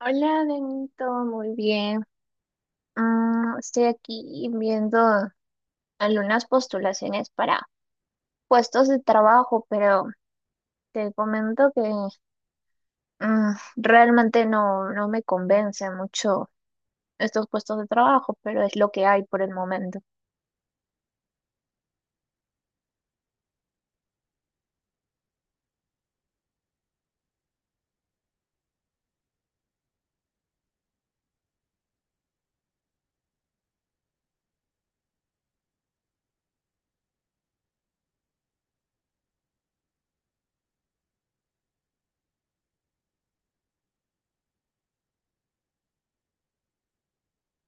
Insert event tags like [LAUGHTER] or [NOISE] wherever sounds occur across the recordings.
Hola, Benito, muy bien. Estoy aquí viendo algunas postulaciones para puestos de trabajo, pero te comento que realmente no me convence mucho estos puestos de trabajo, pero es lo que hay por el momento.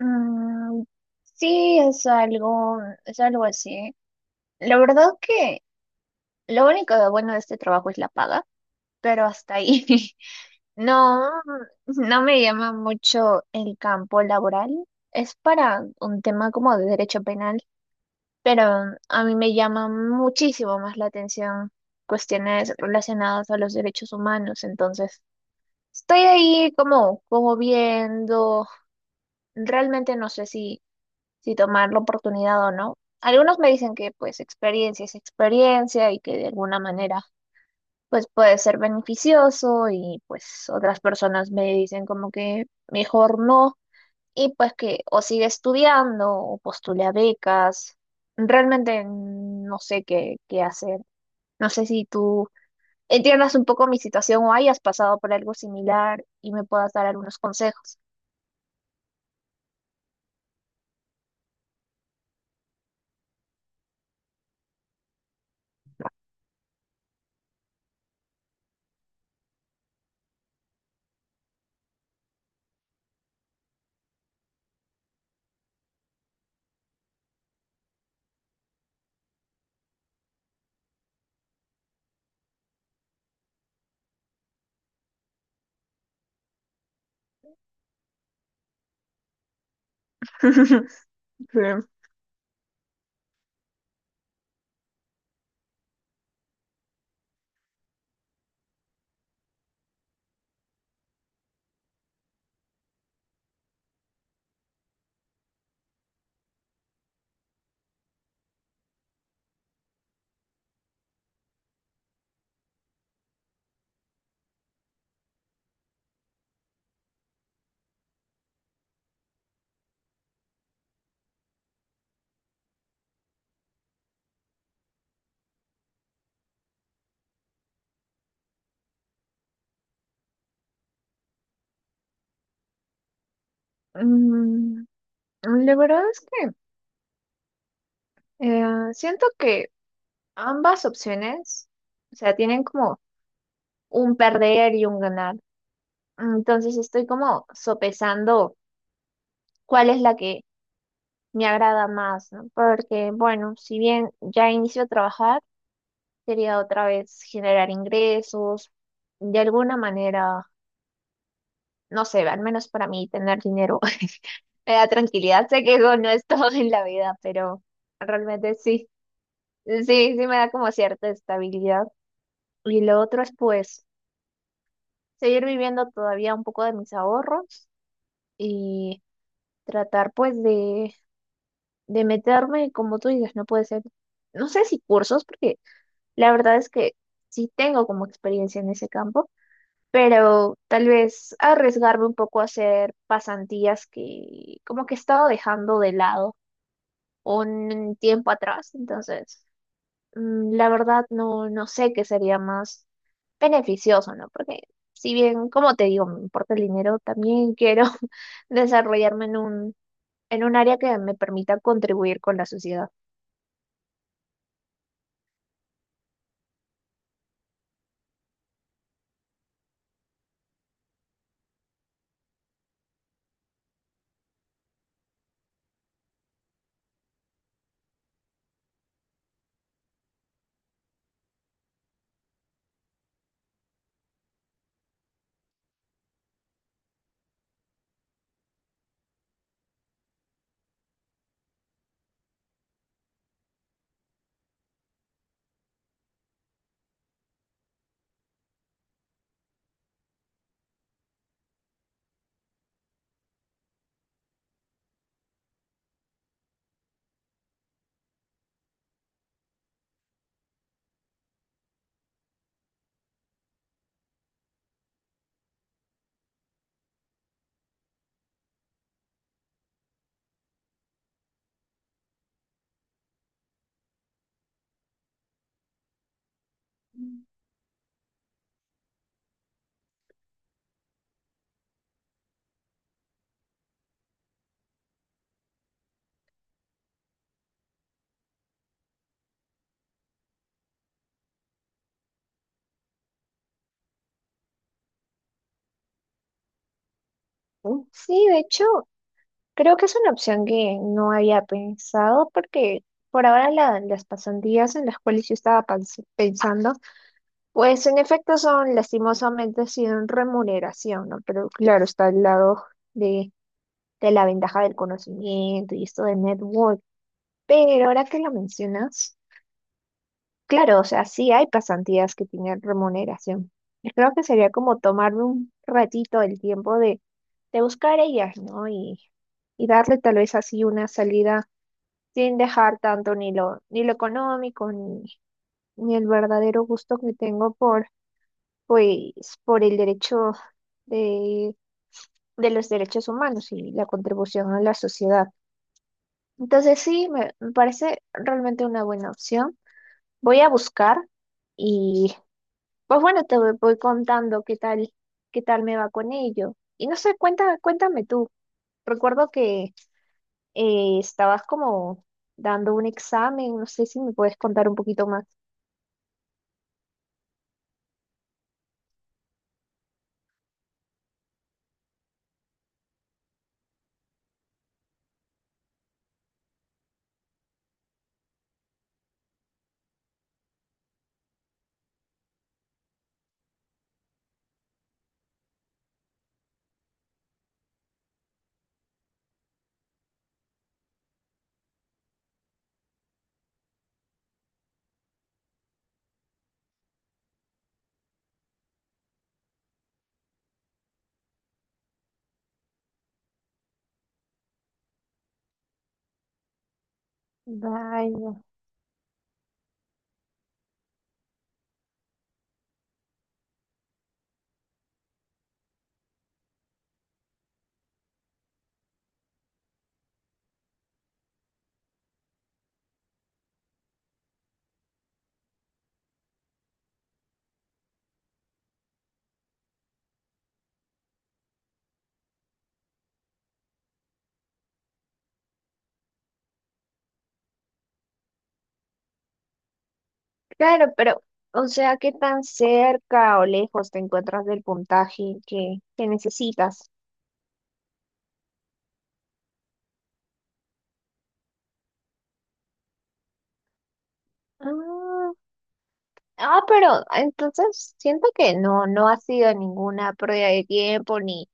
Mm, sí, es algo así. La verdad que lo único de bueno de este trabajo es la paga, pero hasta ahí. [LAUGHS] No, no me llama mucho el campo laboral. Es para un tema como de derecho penal, pero a mí me llama muchísimo más la atención cuestiones relacionadas a los derechos humanos. Entonces, estoy ahí como viendo. Realmente no sé si, si tomar la oportunidad o no. Algunos me dicen que pues experiencia es experiencia y que de alguna manera pues puede ser beneficioso y pues otras personas me dicen como que mejor no y pues que o sigue estudiando o postula becas. Realmente no sé qué, qué hacer. No sé si tú entiendas un poco mi situación o hayas pasado por algo similar y me puedas dar algunos consejos. [LAUGHS] Sí. Mm, La verdad es que eh, siento que ambas opciones, o sea, tienen como un perder y un ganar. Entonces estoy como sopesando cuál es la que me agrada más, ¿no? Porque, bueno, si bien ya inicio a trabajar, quería otra vez generar ingresos, de alguna manera, no sé, al menos para mí tener dinero [LAUGHS] me da tranquilidad. Sé que eso no es todo en la vida, pero realmente sí, sí, sí me da como cierta estabilidad. Y lo otro es pues seguir viviendo todavía un poco de mis ahorros y tratar pues de meterme, como tú dices, no puede ser, no sé si cursos, porque la verdad es que sí tengo como experiencia en ese campo, pero tal vez arriesgarme un poco a hacer pasantías que como que he estado dejando de lado un tiempo atrás, entonces la verdad no sé qué sería más beneficioso, ¿no? Porque si bien, como te digo, me importa el dinero, también quiero [LAUGHS] desarrollarme en un área que me permita contribuir con la sociedad. ¿No? Sí, de hecho, creo que es una opción que no había pensado porque por ahora las pasantías en las cuales yo estaba pensando, pues en efecto son lastimosamente sin remuneración, ¿no? Pero claro, está al lado de, de la ventaja del conocimiento y esto de network. Pero ahora que lo mencionas, claro, o sea, sí hay pasantías que tienen remuneración. Yo creo que sería como tomarme un ratito el tiempo de buscar ellas, ¿no? Y darle tal vez así una salida sin dejar tanto ni lo económico, ni el verdadero gusto que tengo por, pues, por el derecho de, de los derechos humanos y la contribución a la sociedad. Entonces sí, me parece realmente una buena opción. Voy a buscar. Pues bueno, voy contando qué tal me va con ello. Y no sé, cuéntame tú. Recuerdo que estabas como dando un examen, no sé si me puedes contar un poquito más. Vaya. Claro, pero, o sea, ¿qué tan cerca o lejos te encuentras del puntaje que necesitas? Ah, ah, pero entonces siento que no ha sido ninguna pérdida de tiempo ni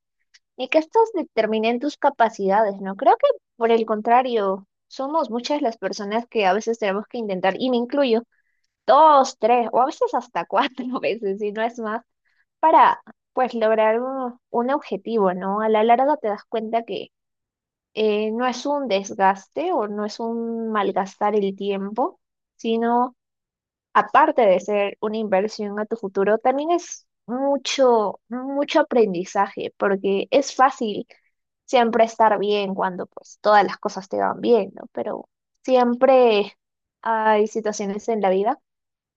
ni que estas determinen tus capacidades, ¿no? Creo que por el contrario, somos muchas las personas que a veces tenemos que intentar, y me incluyo, dos, tres, o a veces hasta cuatro [LAUGHS] veces, si no es más, para pues lograr un objetivo, ¿no? A la larga te das cuenta que no es un desgaste o no es un malgastar el tiempo, sino aparte de ser una inversión a tu futuro, también es mucho, mucho aprendizaje, porque es fácil siempre estar bien cuando pues todas las cosas te van bien, ¿no? Pero siempre hay situaciones en la vida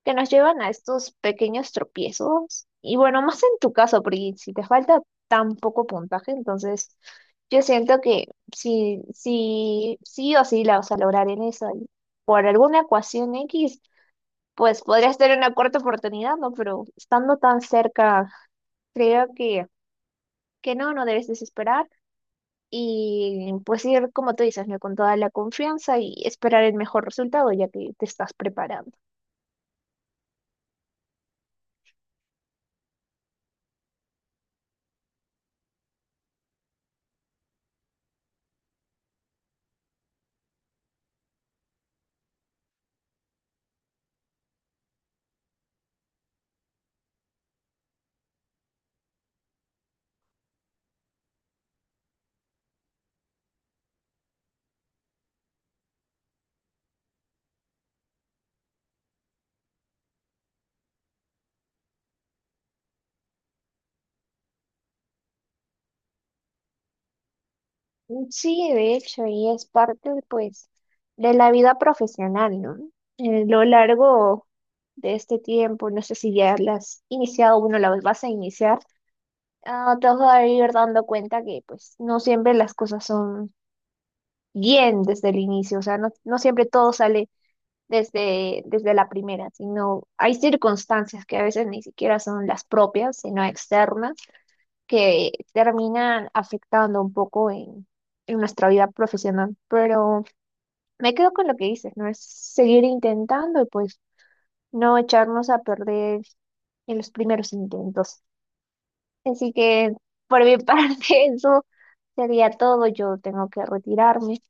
que nos llevan a estos pequeños tropiezos. Y bueno, más en tu caso, porque si te falta tan poco puntaje, entonces yo siento que sí, sí, sí o sí la vas a lograr en eso. Y por alguna ecuación X pues podría ser una cuarta oportunidad, ¿no? Pero estando tan cerca, creo que no debes desesperar y pues ir, como tú dices, ¿no? Con toda la confianza y esperar el mejor resultado ya que te estás preparando. Sí, de hecho, y es parte, pues, de la vida profesional, ¿no? Lo largo de este tiempo, no sé si ya las has iniciado o no las vas a iniciar, ah, te vas a ir dando cuenta que, pues, no siempre las cosas son bien desde el inicio, o sea, no siempre todo sale desde la primera, sino hay circunstancias que a veces ni siquiera son las propias, sino externas, que terminan afectando un poco en nuestra vida profesional. Pero me quedo con lo que dices, ¿no? Es seguir intentando y pues no echarnos a perder en los primeros intentos. Así que por mi [LAUGHS] parte eso sería todo, yo tengo que retirarme.